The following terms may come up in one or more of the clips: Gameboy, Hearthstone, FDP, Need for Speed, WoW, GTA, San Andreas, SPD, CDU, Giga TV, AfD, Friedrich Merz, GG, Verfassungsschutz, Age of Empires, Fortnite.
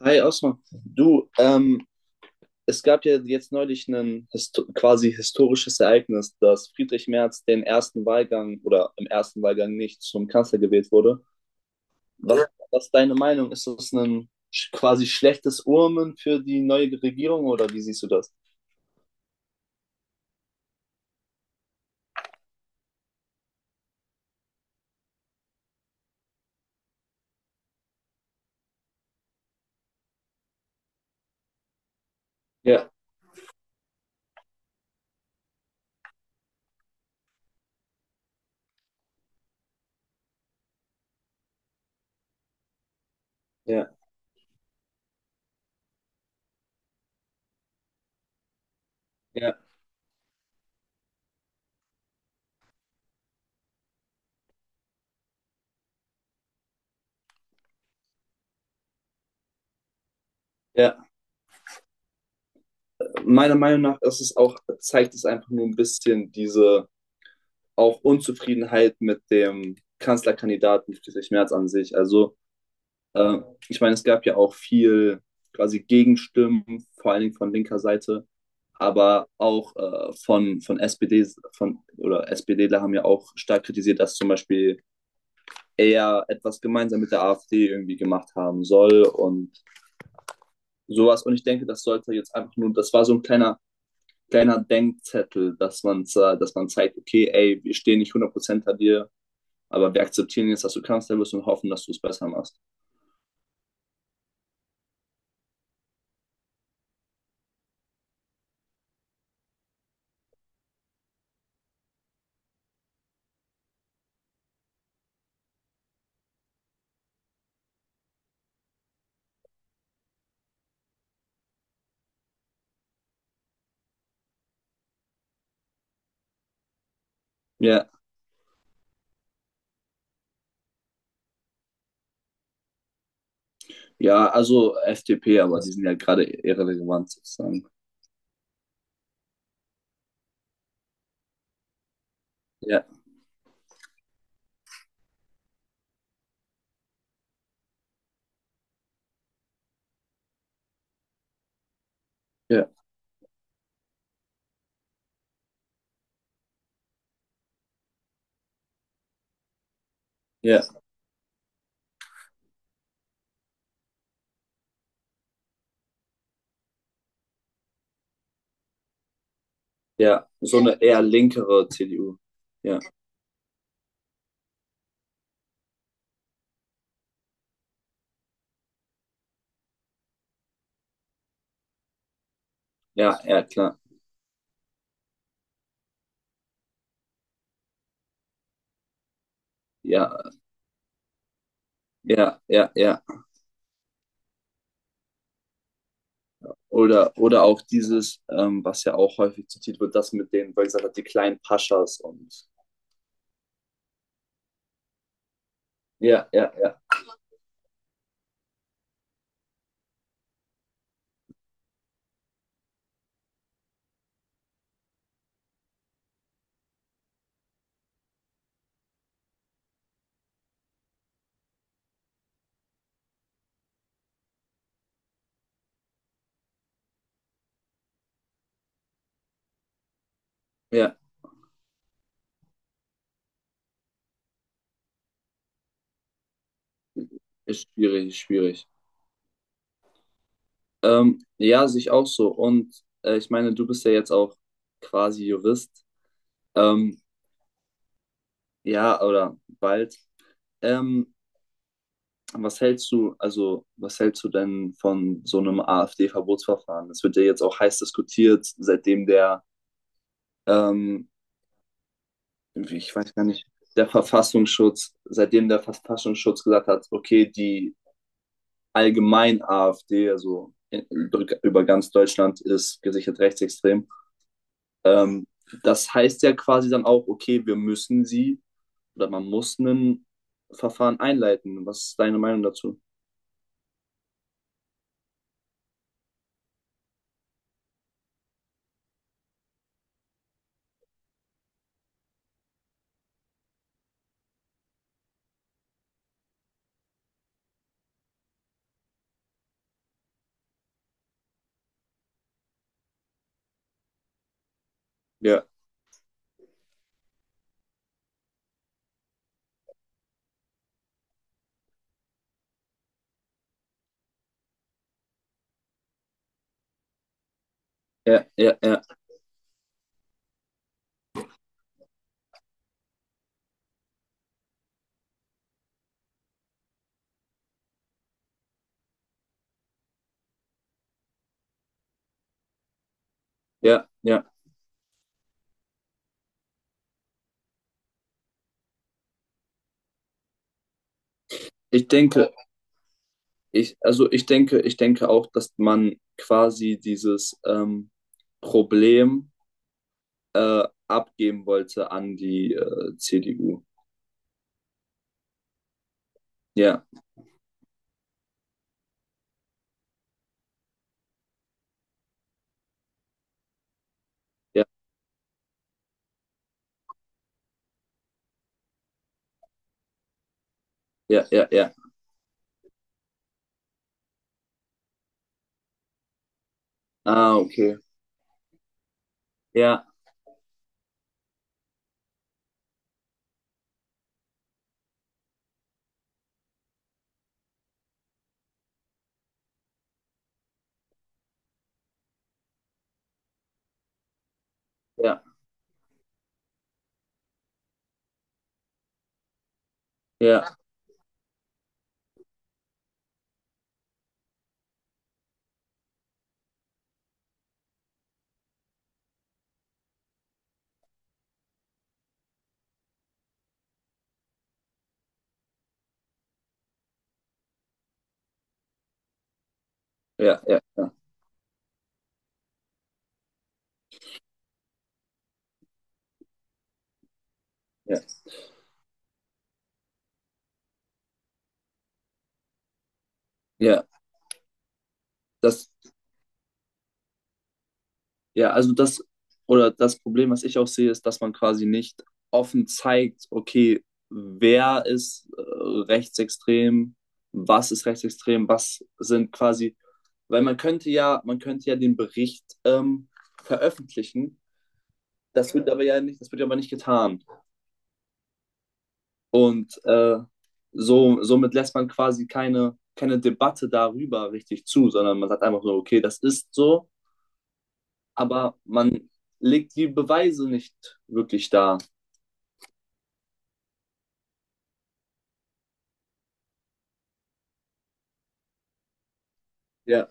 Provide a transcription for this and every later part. Hi Osman, du, ähm, es gab ja jetzt neulich ein histo quasi historisches Ereignis, dass Friedrich Merz den ersten Wahlgang oder im ersten Wahlgang nicht zum Kanzler gewählt wurde. Ja. Was ist deine Meinung? Ist das ein quasi schlechtes Omen für die neue Regierung oder wie siehst du das? Ja, ja, ja, ja. Meiner Meinung nach ist es auch, zeigt es einfach nur ein bisschen diese auch Unzufriedenheit mit dem Kanzlerkandidaten Friedrich Merz an sich. Also Äh, ich meine, es gab ja auch viel quasi Gegenstimmen, vor allen Dingen von linker Seite, aber auch von SPD oder SPDler haben ja auch stark kritisiert, dass zum Beispiel er etwas gemeinsam mit der AfD irgendwie gemacht haben soll und sowas. Und ich denke, das sollte jetzt einfach nur, das war so ein kleiner, kleiner Denkzettel, dass man zeigt, okay, ey, wir stehen nicht 100% hinter dir, aber wir akzeptieren jetzt, dass du Kanzler bist und hoffen, dass du es besser machst. Ja, ja, also FDP, aber die sind ja gerade irrelevant sozusagen. Ja, ja, ja, ja. So eine eher linkere CDU. Ja, ja, ja, klar. Ja, ja, ja, ja. Oder auch dieses, was ja auch häufig zitiert wird, das mit den, weil gesagt hat, die kleinen Paschas und ja, ja, ja, ja, ist schwierig, ist schwierig. Ja, sehe ich auch so. Und ich meine, du bist ja jetzt auch quasi Jurist. Ähm, ja, oder bald. Ähm, also was hältst du denn von so einem AfD-Verbotsverfahren? Das wird ja jetzt auch heiß diskutiert, seitdem der, ähm, ich weiß gar nicht, der Verfassungsschutz, seitdem der Verfassungsschutz gesagt hat, okay, die allgemein AfD, also über ganz Deutschland ist gesichert rechtsextrem. Ähm, das heißt ja quasi dann auch, okay, wir müssen sie oder man muss ein Verfahren einleiten. Was ist deine Meinung dazu? Ja, ja, ja, ja, ja, ja. Ich denke, also ich denke auch, dass man quasi dieses Problem äh, abgeben wollte an die CDU. Ja, ja, ja, ja, ja. Ah, okay. Ja, ja, ja, ja, ja, ja, ja. Ja, das, ja, oder das Problem, was ich auch sehe, ist, dass man quasi nicht offen zeigt, okay, wer ist rechtsextrem, was ist rechtsextrem, was sind quasi Weil man könnte ja den Bericht veröffentlichen. Das wird ja aber nicht getan. Und somit lässt man quasi keine Debatte darüber richtig zu, sondern man sagt einfach nur okay, das ist so, aber man legt die Beweise nicht wirklich dar. Ja,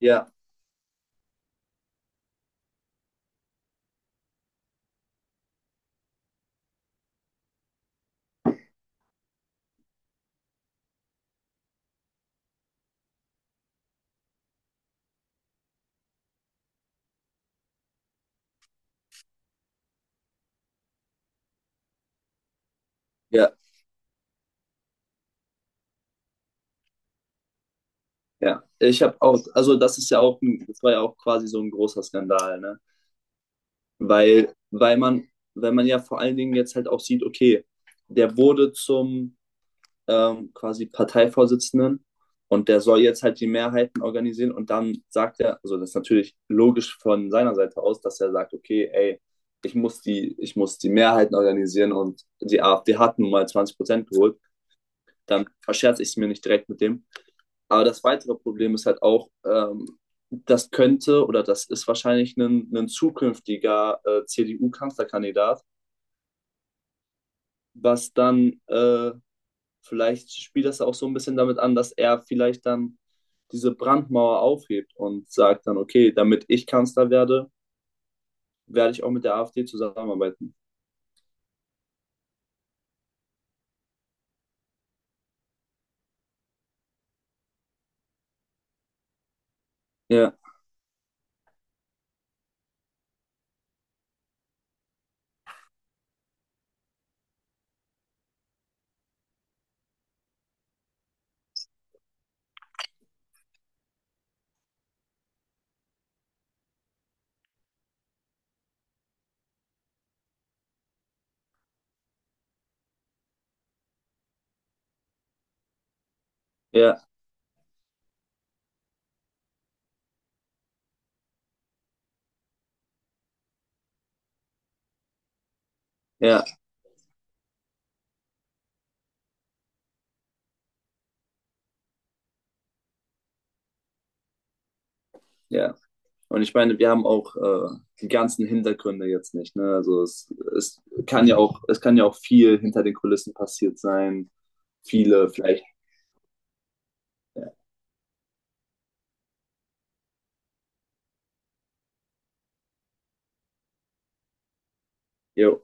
ja, ja, ja. Ich habe auch, also das ist ja auch, das war ja auch quasi so ein großer Skandal, ne? Weil, weil man, weil man ja vor allen Dingen jetzt halt auch sieht, okay, der wurde zum quasi Parteivorsitzenden und der soll jetzt halt die Mehrheiten organisieren und dann sagt er, also das ist natürlich logisch von seiner Seite aus, dass er sagt, okay, ey, ich muss die Mehrheiten organisieren und die AfD hat nun mal 20% geholt, dann verscherze ich es mir nicht direkt mit dem. Aber das weitere Problem ist halt auch, das könnte oder das ist wahrscheinlich ein zukünftiger CDU-Kanzlerkandidat, was dann vielleicht spielt das auch so ein bisschen damit an, dass er vielleicht dann diese Brandmauer aufhebt und sagt dann, okay, damit ich Kanzler werde, werde ich auch mit der AfD zusammenarbeiten. Ja, ja, ja, ja. Und ich meine, wir haben auch die ganzen Hintergründe jetzt nicht. Ne? Also es kann ja auch, es kann ja auch viel hinter den Kulissen passiert sein. Viele vielleicht. Ja. Jo.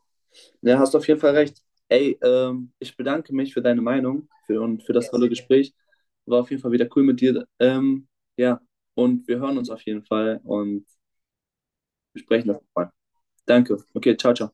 Ja, hast auf jeden Fall recht. Ey, ich bedanke mich für deine Meinung und für das Sehr, tolle sehr gerne. Gespräch. War auf jeden Fall wieder cool mit dir. Ja, und wir hören uns auf jeden Fall und wir sprechen das nochmal. Danke. Okay, ciao, ciao.